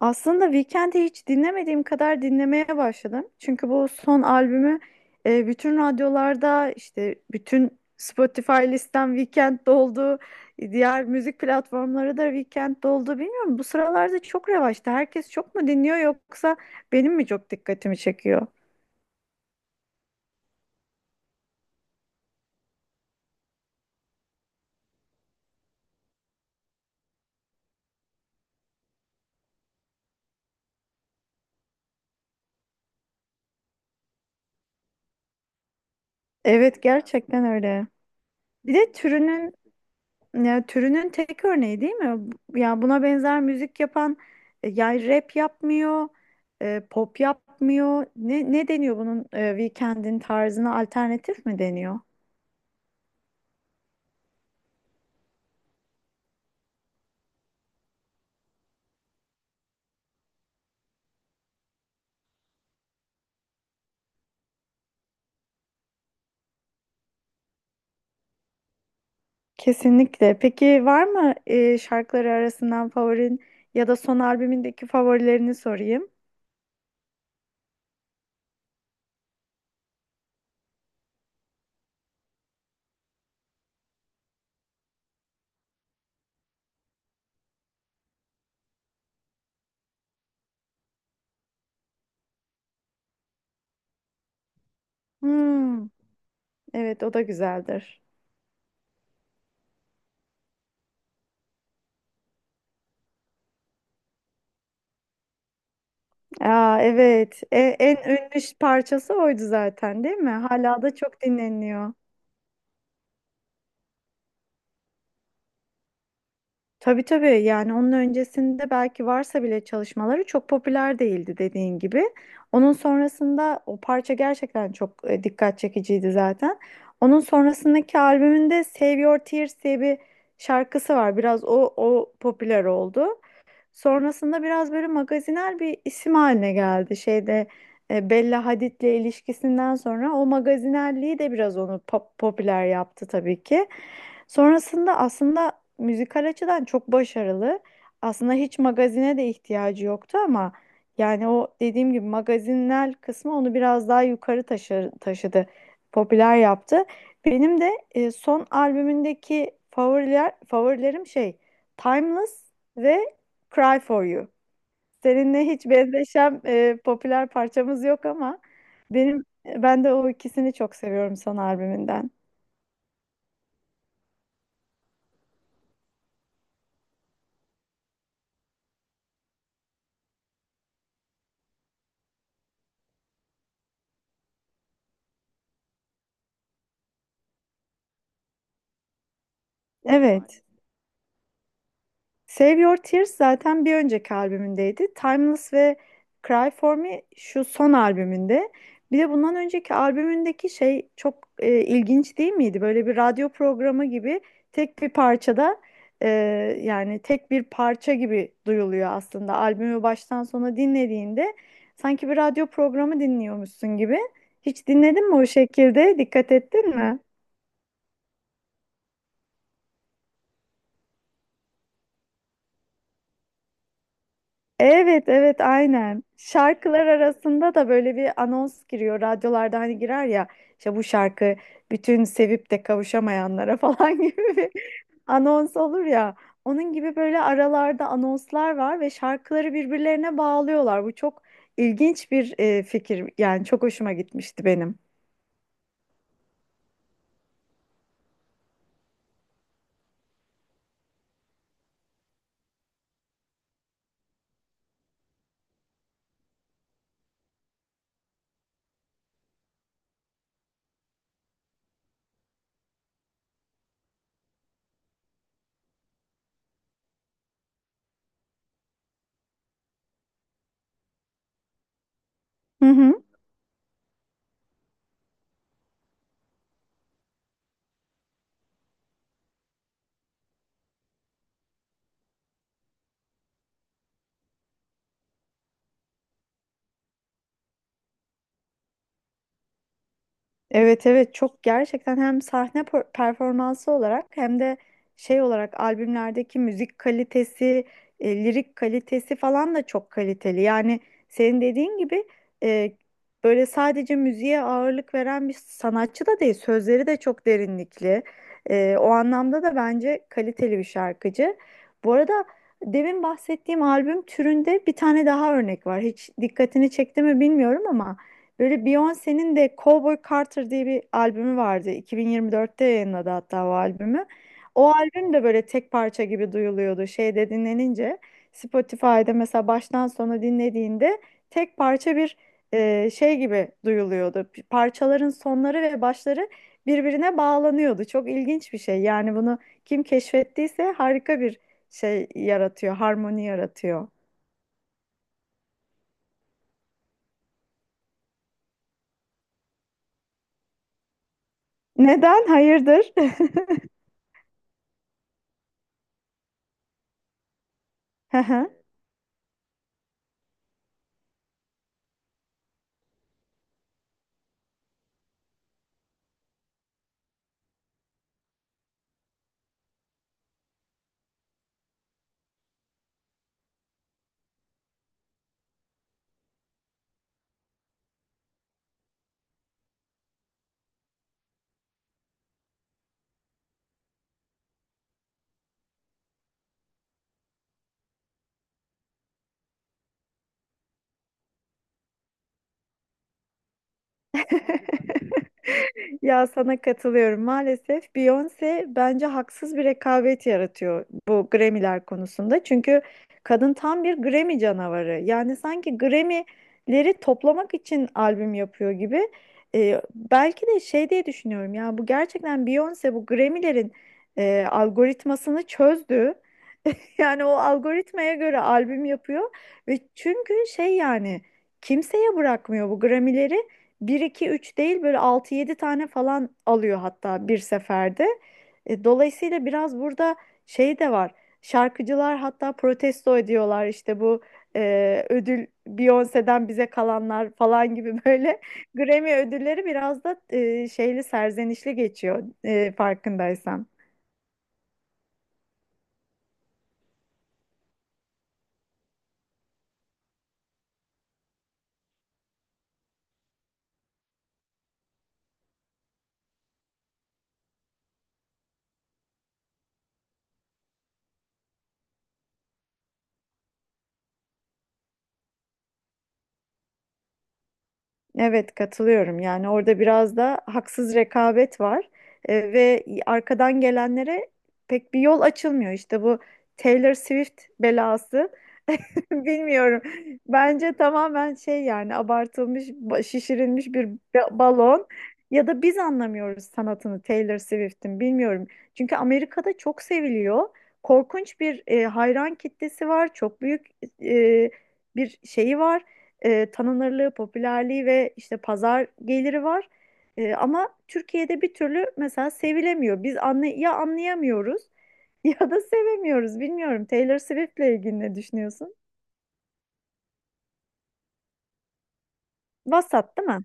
Aslında Weekend'i hiç dinlemediğim kadar dinlemeye başladım. Çünkü bu son albümü bütün radyolarda işte bütün Spotify listem Weekend doldu. Diğer müzik platformları da Weekend doldu. Bilmiyorum bu sıralarda çok revaçta. Herkes çok mu dinliyor yoksa benim mi çok dikkatimi çekiyor? Evet, gerçekten öyle. Bir de türünün, ya, türünün tek örneği değil mi? Ya buna benzer müzik yapan, ya rap yapmıyor, pop yapmıyor. Ne deniyor bunun Weeknd'in tarzına alternatif mi deniyor? Kesinlikle. Peki var mı şarkıları arasından favorin ya da son albümündeki favorilerini sorayım? Hmm, evet, o da güzeldir. Aa, evet. E, en ünlü parçası oydu zaten değil mi? Hala da çok dinleniyor. Tabii, tabii, yani onun öncesinde belki varsa bile çalışmaları çok popüler değildi dediğin gibi. Onun sonrasında o parça gerçekten çok dikkat çekiciydi zaten. Onun sonrasındaki albümünde Save Your Tears diye bir şarkısı var. Biraz o popüler oldu. Sonrasında biraz böyle magazinel bir isim haline geldi. Şeyde Bella Hadid'le ilişkisinden sonra o magazinelliği de biraz onu popüler yaptı tabii ki. Sonrasında aslında müzikal açıdan çok başarılı. Aslında hiç magazine de ihtiyacı yoktu ama yani o dediğim gibi magazinel kısmı onu biraz daha yukarı taşıdı. Popüler yaptı. Benim de son albümündeki favorilerim şey Timeless ve Cry for You. Seninle hiç benzeşen popüler parçamız yok ama ben de o ikisini çok seviyorum son albümünden. Evet. Save Your Tears zaten bir önceki albümündeydi. Timeless ve Cry For Me şu son albümünde. Bir de bundan önceki albümündeki şey çok ilginç değil miydi? Böyle bir radyo programı gibi tek bir parçada, e, yani tek bir parça gibi duyuluyor aslında. Albümü baştan sona dinlediğinde sanki bir radyo programı dinliyormuşsun gibi. Hiç dinledin mi o şekilde? Dikkat ettin mi? Evet, evet, aynen. Şarkılar arasında da böyle bir anons giriyor. Radyolarda hani girer ya, işte bu şarkı bütün sevip de kavuşamayanlara falan gibi bir anons olur ya. Onun gibi böyle aralarda anonslar var ve şarkıları birbirlerine bağlıyorlar. Bu çok ilginç bir fikir. Yani çok hoşuma gitmişti benim. Hı hı. Evet, evet, çok gerçekten hem sahne performansı olarak hem de şey olarak albümlerdeki müzik kalitesi, lirik kalitesi falan da çok kaliteli. Yani senin dediğin gibi, e, böyle sadece müziğe ağırlık veren bir sanatçı da değil, sözleri de çok derinlikli. E, o anlamda da bence kaliteli bir şarkıcı. Bu arada demin bahsettiğim albüm türünde bir tane daha örnek var. Hiç dikkatini çekti mi bilmiyorum ama. Böyle Beyoncé'nin de Cowboy Carter diye bir albümü vardı. 2024'te yayınladı hatta o albümü. O albüm de böyle tek parça gibi duyuluyordu. Şeyde dinlenince Spotify'da mesela baştan sona dinlediğinde tek parça bir şey gibi duyuluyordu. Parçaların sonları ve başları birbirine bağlanıyordu. Çok ilginç bir şey. Yani bunu kim keşfettiyse harika bir şey yaratıyor, harmoni yaratıyor. Neden? Hayırdır? Hı hı. Ya, sana katılıyorum. Maalesef Beyoncé bence haksız bir rekabet yaratıyor bu Grammy'ler konusunda. Çünkü kadın tam bir Grammy canavarı. Yani sanki Grammy'leri toplamak için albüm yapıyor gibi. Belki de şey diye düşünüyorum, ya, bu gerçekten Beyoncé bu Grammy'lerin algoritmasını çözdü. Yani o algoritmaya göre albüm yapıyor ve çünkü şey, yani kimseye bırakmıyor bu Grammy'leri. Bir 2 3 değil, böyle 6 7 tane falan alıyor hatta bir seferde. E, dolayısıyla biraz burada şey de var. Şarkıcılar hatta protesto ediyorlar işte bu ödül Beyoncé'den bize kalanlar falan gibi böyle Grammy ödülleri biraz da şeyli, serzenişli geçiyor farkındaysan. Evet, katılıyorum. Yani orada biraz da haksız rekabet var. E, ve arkadan gelenlere pek bir yol açılmıyor. İşte bu Taylor Swift belası. Bilmiyorum. Bence tamamen şey, yani abartılmış, şişirilmiş bir balon, ya da biz anlamıyoruz sanatını Taylor Swift'in, bilmiyorum. Çünkü Amerika'da çok seviliyor. Korkunç bir hayran kitlesi var. Çok büyük e, bir şeyi var. E, tanınırlığı, popülerliği ve işte pazar geliri var. E, ama Türkiye'de bir türlü mesela sevilemiyor. Biz anlayamıyoruz ya da sevemiyoruz. Bilmiyorum, Taylor Swift'le ilgili ne düşünüyorsun? Vasat değil mi?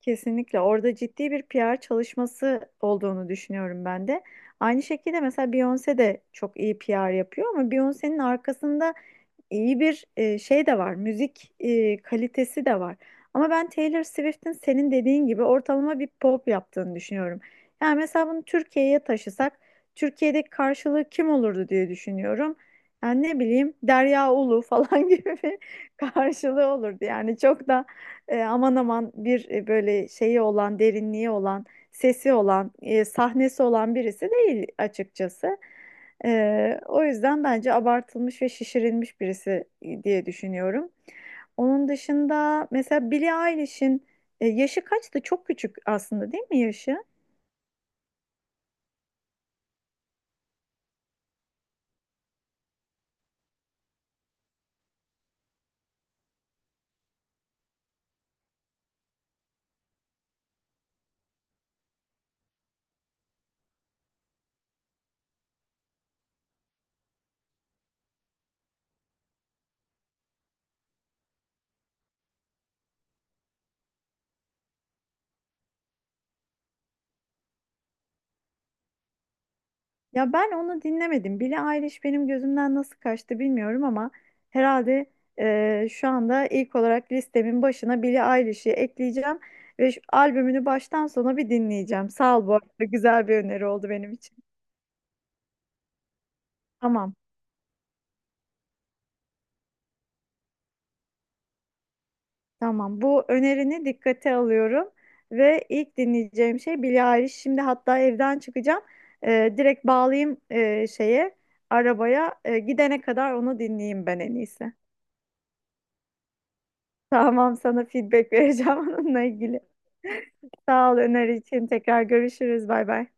Kesinlikle orada ciddi bir P. R. çalışması olduğunu düşünüyorum ben de. Aynı şekilde mesela Beyoncé de çok iyi P. R. yapıyor, ama Beyoncé'nin arkasında iyi bir şey de var. Müzik kalitesi de var. Ama ben Taylor Swift'in senin dediğin gibi ortalama bir pop yaptığını düşünüyorum. Yani mesela bunu Türkiye'ye taşısak Türkiye'deki karşılığı kim olurdu diye düşünüyorum. Yani ne bileyim, Derya Ulu falan gibi bir karşılığı olurdu. Yani çok da aman aman bir, böyle şeyi olan, derinliği olan, sesi olan, sahnesi olan birisi değil açıkçası. E, o yüzden bence abartılmış ve şişirilmiş birisi diye düşünüyorum. Onun dışında mesela Billie Eilish'in yaşı kaçtı? Çok küçük aslında değil mi yaşı? Ya, ben onu dinlemedim. Billie Eilish benim gözümden nasıl kaçtı bilmiyorum ama herhalde, şu anda ilk olarak listemin başına Billie Eilish'i ekleyeceğim ve şu albümünü baştan sona bir dinleyeceğim. Sağ ol, bu arada güzel bir öneri oldu benim için. Tamam, tamam. Bu önerini dikkate alıyorum ve ilk dinleyeceğim şey Billie Eilish. Şimdi hatta evden çıkacağım. E, direkt bağlayayım şeye, arabaya. E, gidene kadar onu dinleyeyim ben en iyisi. Tamam, sana feedback vereceğim onunla ilgili. Sağ ol öneri için. Tekrar görüşürüz. Bay bay.